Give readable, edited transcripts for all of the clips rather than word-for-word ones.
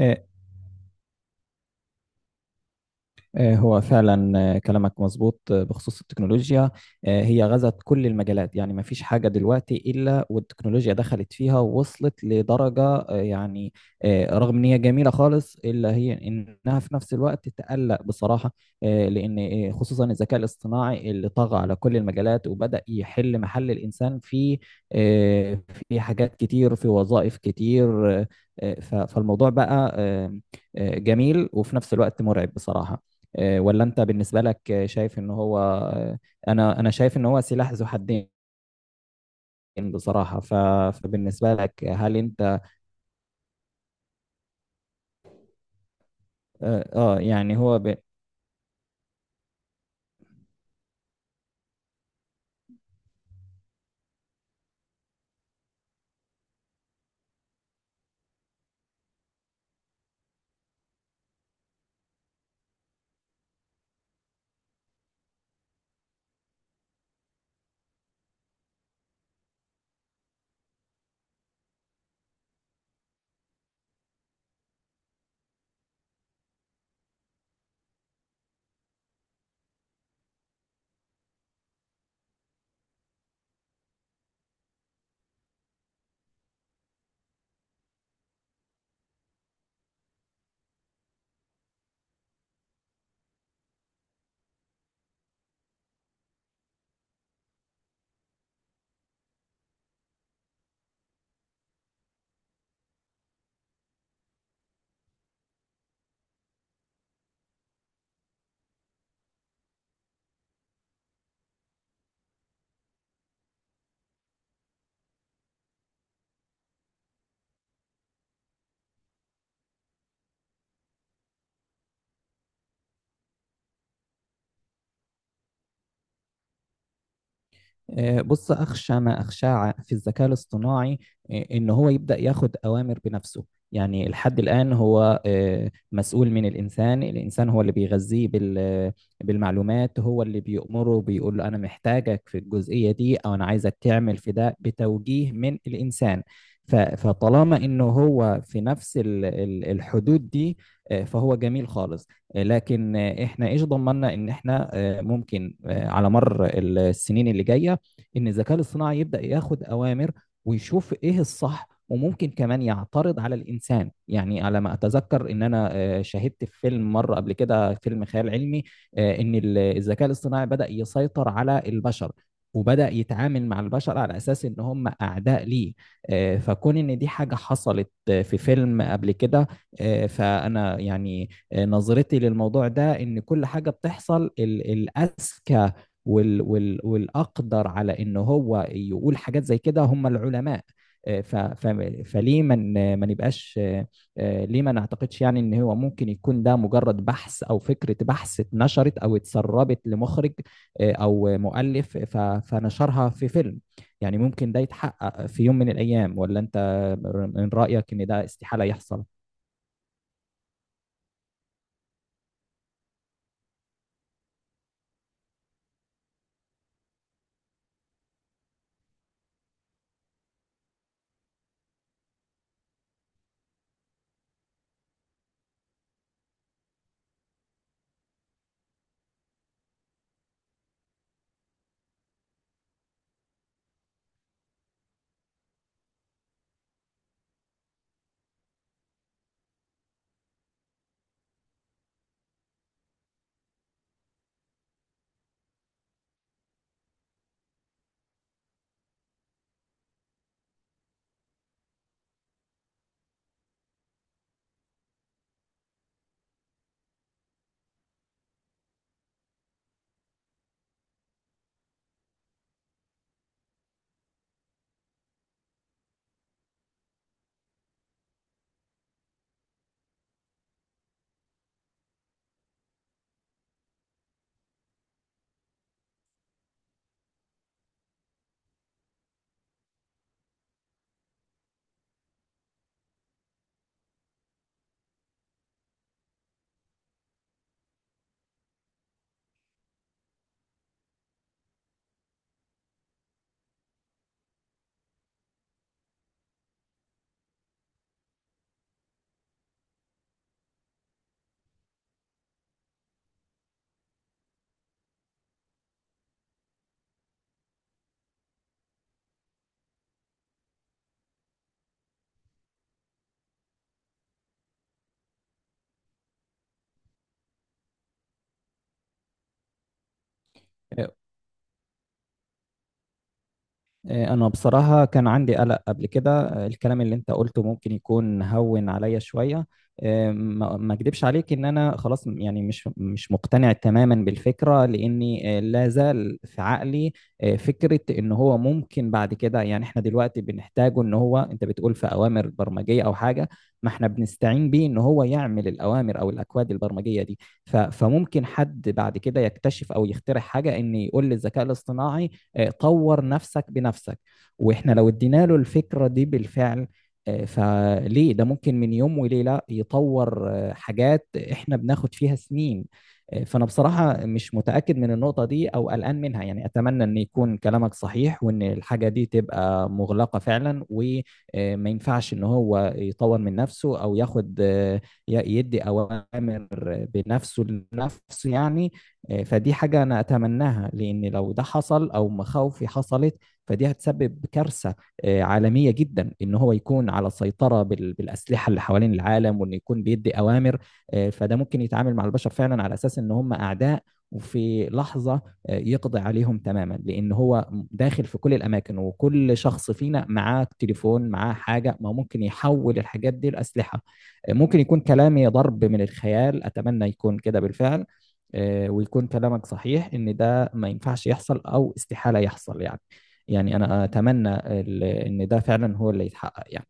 آه هو فعلا، كلامك مظبوط بخصوص التكنولوجيا. هي غزت كل المجالات، يعني ما فيش حاجة دلوقتي إلا والتكنولوجيا دخلت فيها، ووصلت لدرجة رغم إن هي جميلة خالص إلا هي إنها في نفس الوقت تقلق بصراحة، لأن خصوصا الذكاء الاصطناعي اللي طغى على كل المجالات وبدأ يحل محل الإنسان في آه، في حاجات كتير، في وظائف كتير. فالموضوع بقى جميل وفي نفس الوقت مرعب بصراحة. ولا انت بالنسبه لك شايف ان هو انا شايف ان هو سلاح ذو حدين بصراحه. فبالنسبه لك هل انت اه آه، يعني هو ب- بص، أخشى ما أخشاه في الذكاء الاصطناعي إن هو يبدأ ياخد أوامر بنفسه. يعني لحد الآن هو مسؤول من الإنسان، الإنسان هو اللي بيغذيه بالمعلومات، هو اللي بيأمره، بيقول له أنا محتاجك في الجزئية دي، أو أنا عايزك تعمل في ده بتوجيه من الإنسان. فطالما إنه هو في نفس الحدود دي، فهو جميل خالص. لكن احنا ايش ضمننا ان احنا ممكن على مر السنين اللي جايه ان الذكاء الاصطناعي يبدا ياخد اوامر ويشوف ايه الصح، وممكن كمان يعترض على الانسان. يعني على ما اتذكر ان انا شاهدت في فيلم مره قبل كده، فيلم خيال علمي، ان الذكاء الاصطناعي بدا يسيطر على البشر، وبدا يتعامل مع البشر على اساس ان هم اعداء ليه. فكون ان دي حاجه حصلت في فيلم قبل كده، فانا يعني نظرتي للموضوع ده ان كل حاجه بتحصل الاذكى وال وال والاقدر على ان هو يقول حاجات زي كده هم العلماء. آه، ف ف فليه من ما نبقاش ليه ما نعتقدش يعني ان هو ممكن يكون ده مجرد بحث او فكره بحث اتنشرت او اتسربت لمخرج او مؤلف فنشرها في فيلم. يعني ممكن ده يتحقق في يوم من الايام، ولا انت من رايك ان ده استحاله يحصل؟ أنا بصراحة كان عندي قلق قبل كده. الكلام اللي أنت قلته ممكن يكون هون عليا شوية، ما أكدبش عليك إن أنا خلاص يعني مش مقتنع تماما بالفكرة، لأني لا زال في عقلي فكرة إن هو ممكن بعد كده، يعني إحنا دلوقتي بنحتاجه، إن هو أنت بتقول في أوامر برمجية أو حاجة، ما إحنا بنستعين بيه إن هو يعمل الأوامر أو الأكواد البرمجية دي. فممكن حد بعد كده يكتشف أو يخترع حاجة، إن يقول للذكاء الاصطناعي طور نفسك بنفسك. واحنا لو ادينا له الفكرة دي بالفعل، فليه ده ممكن من يوم وليلة يطور حاجات احنا بناخد فيها سنين. فأنا بصراحة مش متأكد من النقطة دي أو قلقان منها، يعني أتمنى أن يكون كلامك صحيح، وأن الحاجة دي تبقى مغلقة فعلا، وما ينفعش أن هو يطور من نفسه أو ياخد يدي أوامر بنفسه لنفسه يعني. فدي حاجة أنا أتمناها، لأن لو ده حصل أو مخاوفي حصلت فدي هتسبب كارثة عالمية جدا، إن هو يكون على سيطرة بالأسلحة اللي حوالين العالم، وإنه يكون بيدي أوامر. فده ممكن يتعامل مع البشر فعلا على أساس إن هم أعداء، وفي لحظة يقضي عليهم تماما، لأن هو داخل في كل الأماكن، وكل شخص فينا معاه تليفون معاه حاجة، ما هو ممكن يحول الحاجات دي لأسلحة. ممكن يكون كلامي ضرب من الخيال، أتمنى يكون كده بالفعل، ويكون كلامك صحيح ان ده ما ينفعش يحصل او استحالة يحصل يعني. يعني انا اتمنى ان ده فعلا هو اللي يتحقق يعني.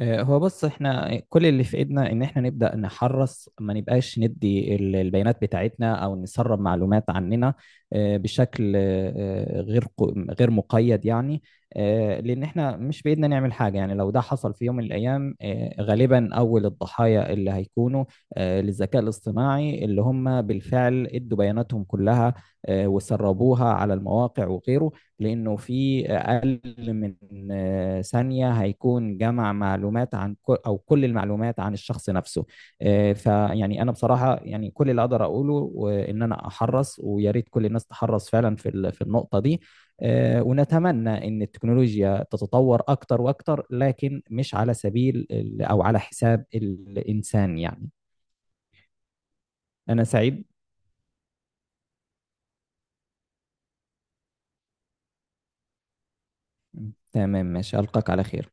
هو بص، احنا كل اللي في ايدنا ان احنا نبدا نحرص، ما نبقاش ندي البيانات بتاعتنا او نسرب معلومات عننا بشكل آه، غير ق- غير مقيد يعني. لان احنا مش بايدنا نعمل حاجه، يعني لو ده حصل في يوم من الايام غالبا اول الضحايا اللي هيكونوا للذكاء الاصطناعي اللي هم بالفعل ادوا بياناتهم كلها وسربوها على المواقع وغيره، لانه في من ثانية هيكون جمع معلومات عن كل، أو كل المعلومات عن الشخص نفسه. فيعني أنا بصراحة يعني كل اللي أقدر أقوله إن أنا أحرص، ويا ريت كل الناس تحرص فعلا في في النقطة دي. ونتمنى إن التكنولوجيا تتطور أكتر وأكتر، لكن مش على سبيل أو على حساب الإنسان يعني. أنا سعيد. تمام، ماشي، ألقاك على خير.